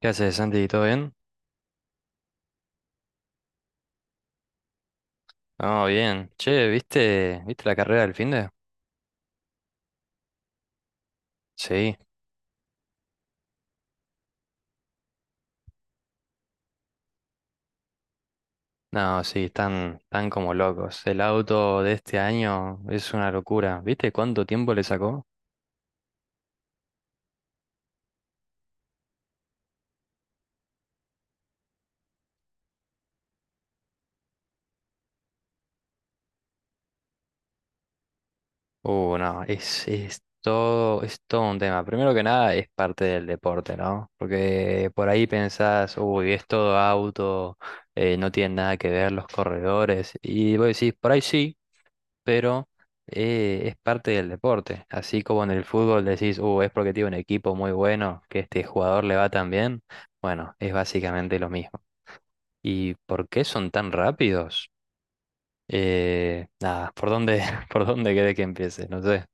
¿Qué haces, Santi? ¿Todo bien? No, bien. Che, ¿viste la carrera del finde? Sí. No, sí, están como locos. El auto de este año es una locura. ¿Viste cuánto tiempo le sacó? No, es todo un tema. Primero que nada, es parte del deporte, ¿no? Porque por ahí pensás, uy, es todo auto, no tiene nada que ver los corredores. Y vos decís, por ahí sí. Pero, es parte del deporte. Así como en el fútbol decís, es porque tiene un equipo muy bueno, que este jugador le va tan bien. Bueno, es básicamente lo mismo. ¿Y por qué son tan rápidos? Nada, ¿por dónde, por dónde querés que empiece? No sé.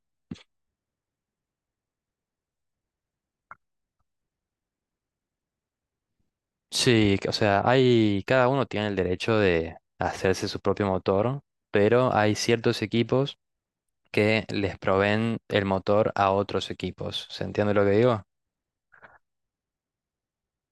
Sí, o sea, cada uno tiene el derecho de hacerse su propio motor, pero hay ciertos equipos que les proveen el motor a otros equipos. ¿Se entiende lo que digo?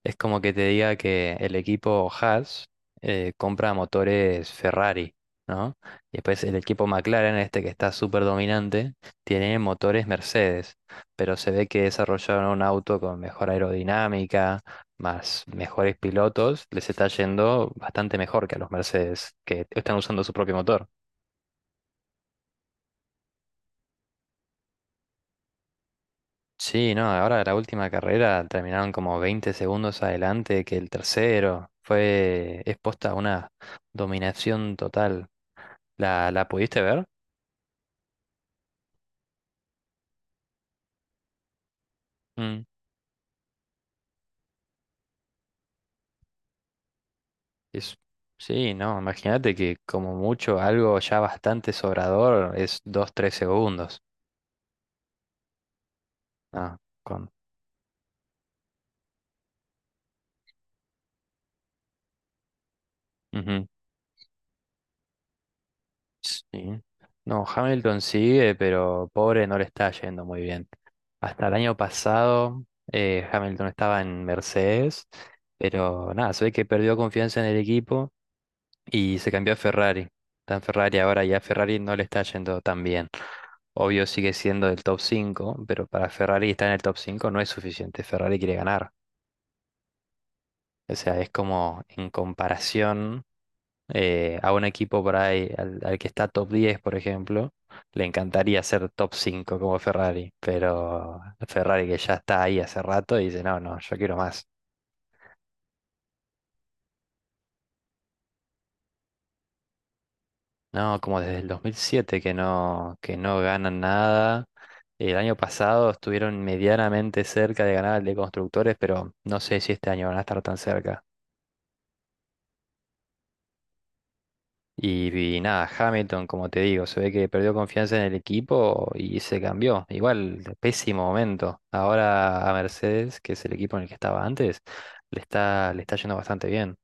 Es como que te diga que el equipo Haas compra motores Ferrari, ¿no? Y después el equipo McLaren, este que está súper dominante, tiene motores Mercedes, pero se ve que desarrollaron un auto con mejor aerodinámica, más mejores pilotos, les está yendo bastante mejor que a los Mercedes, que están usando su propio motor. Sí, no, ahora la última carrera terminaron como 20 segundos adelante que el tercero. Fue expuesta a una dominación total. ¿La pudiste ver? Mm. Es, sí, no, imagínate que como mucho algo ya bastante sobrador es dos tres segundos. Ah, con... ujú, Sí. No, Hamilton sigue, pero pobre no le está yendo muy bien. Hasta el año pasado Hamilton estaba en Mercedes, pero nada, se ve que perdió confianza en el equipo y se cambió a Ferrari. Está en Ferrari ahora y a Ferrari no le está yendo tan bien. Obvio sigue siendo del top cinco, pero para Ferrari estar en el top 5 no es suficiente. Ferrari quiere ganar. O sea, es como en comparación a un equipo por ahí, al que está top diez, por ejemplo, le encantaría ser top 5 como Ferrari, pero Ferrari, que ya está ahí hace rato, dice, no, no, yo quiero más. No, como desde el 2007 que no, ganan nada. El año pasado estuvieron medianamente cerca de ganar el de constructores, pero no sé si este año van a estar tan cerca. Y nada, Hamilton, como te digo, se ve que perdió confianza en el equipo y se cambió. Igual, pésimo momento. Ahora a Mercedes, que es el equipo en el que estaba antes, le está yendo bastante bien.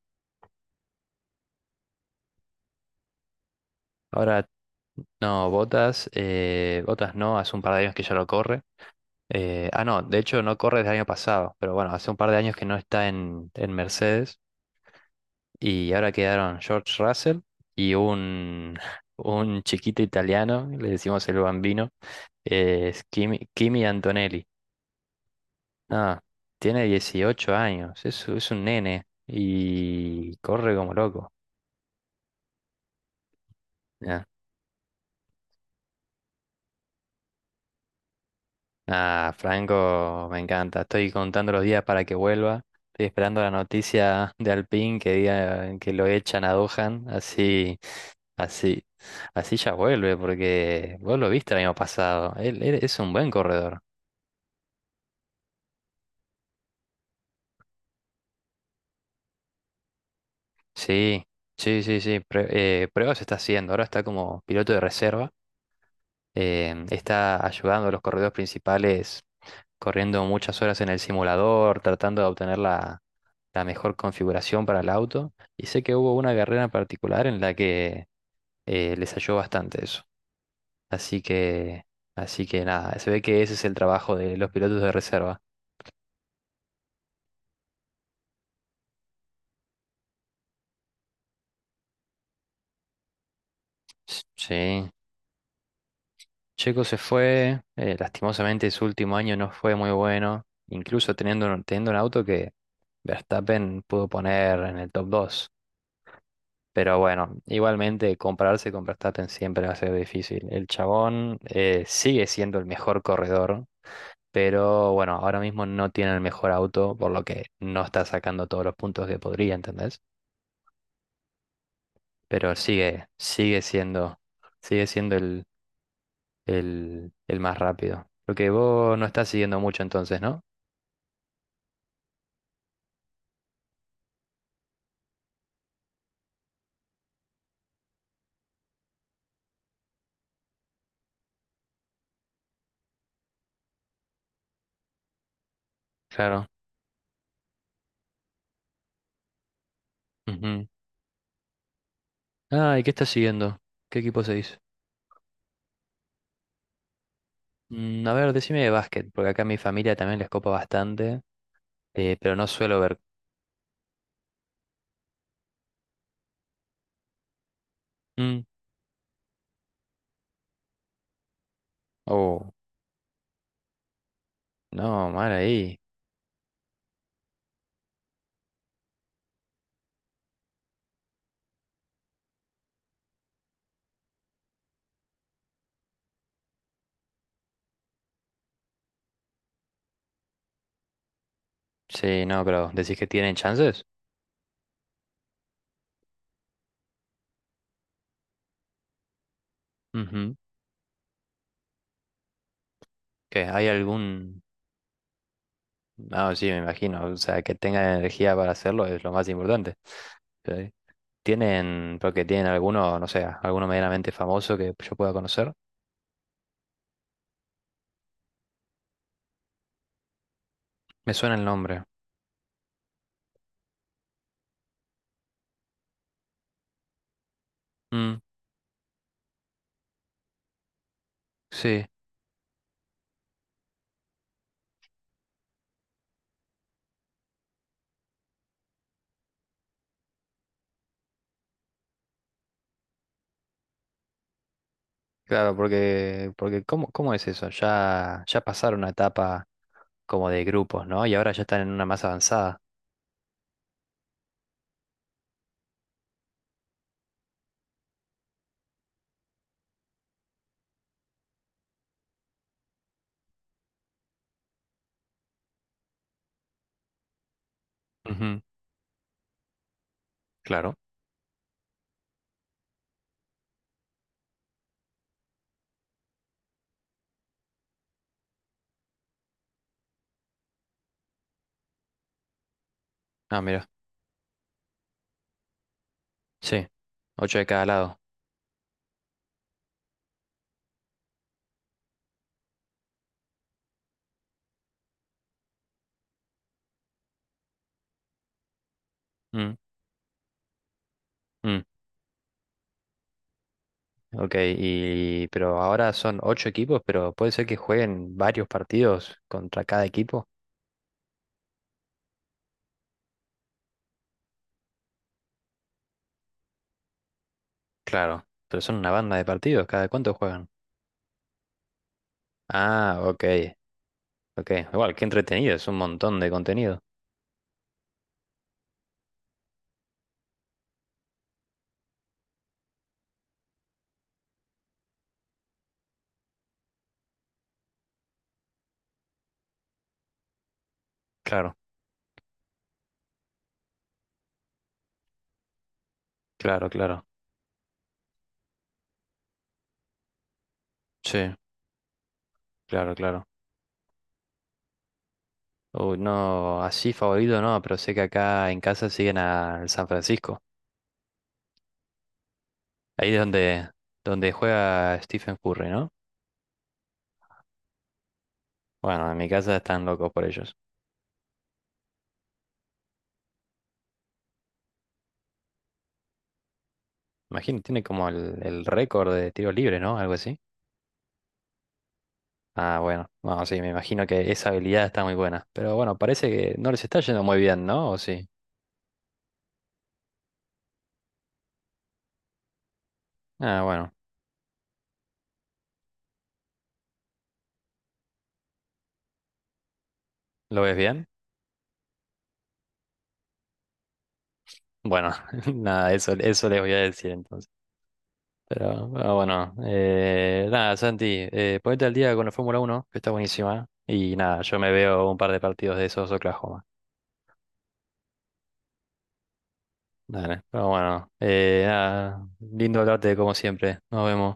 Ahora no, Botas, Botas no, hace un par de años que ya lo corre. Ah, no, de hecho no corre desde el año pasado, pero bueno, hace un par de años que no está en, Mercedes. Y ahora quedaron George Russell y un, un chiquito italiano, le decimos el bambino, es Kimi, Kimi Antonelli. Ah, tiene 18 años, es un nene y corre como loco. Ah, Ah, Franco, me encanta. Estoy contando los días para que vuelva. Estoy esperando la noticia de Alpine que diga que lo echan a Dohan. Así, así, así ya vuelve, porque vos lo viste el año pasado. Él es un buen corredor. Sí, sí, sí, sí. Pruebas está haciendo. Ahora está como piloto de reserva. Está ayudando a los corredores principales, corriendo muchas horas en el simulador, tratando de obtener la mejor configuración para el auto. Y sé que hubo una carrera en particular en la que les ayudó bastante eso. Así que, Así que nada, se ve que ese es el trabajo de los pilotos de reserva. Sí, Checo se fue, lastimosamente su último año no fue muy bueno, incluso teniendo un auto que Verstappen pudo poner en el top dos. Pero bueno, igualmente compararse con Verstappen siempre va a ser difícil. El chabón sigue siendo el mejor corredor, pero bueno, ahora mismo no tiene el mejor auto, por lo que no está sacando todos los puntos que podría, ¿entendés? Pero sigue siendo el más rápido. Lo que vos no estás siguiendo mucho entonces, ¿no? Claro. Ujú. Ah, ¿y qué estás siguiendo? ¿Qué equipo seguís? A ver, decime de básquet, porque acá a mi familia también les copa bastante, pero no suelo ver. Mm. Oh, no, mal ahí. Sí, no, pero ¿decís que tienen chances? Ujú. ¿Que hay algún? No, sí, me imagino. O sea, que tengan energía para hacerlo es lo más importante. Sí. ¿Porque tienen alguno, no sé, alguno medianamente famoso que yo pueda conocer? Me suena el nombre. Mm, sí, claro, porque, cómo es eso? Ya pasaron una etapa como de grupos, ¿no? Y ahora ya están en una más avanzada. Ujú. Claro. Ah, mira. Sí. Ocho de cada lado. Mm, ok, y pero ahora son ocho equipos, pero puede ser que jueguen varios partidos contra cada equipo. Claro, pero son una banda de partidos, ¿cada cuánto juegan? Ah, ok, ok. Igual, qué entretenido, es un montón de contenido. Claro, claro, claro. Sí, claro, claro. Uy, no, así favorito no, pero sé que acá en casa siguen al San Francisco. Ahí es donde juega Stephen Curry, ¿no? Bueno, en mi casa están locos por ellos. Imagino, tiene como el récord de tiros libres, ¿no? Algo así. Ah, bueno, no, sí, me imagino que esa habilidad está muy buena. Pero bueno, parece que no les está yendo muy bien, ¿no? ¿O sí? Ah, bueno, ¿lo ves bien? Bueno, nada, eso les voy a decir entonces. Pero ah, bueno, nada, Santi, ponete al día con la Fórmula Uno que está buenísima. Y nada, yo me veo un par de partidos de esos Oklahoma. Dale, pero bueno, nada, lindo hablarte como siempre. Nos vemos.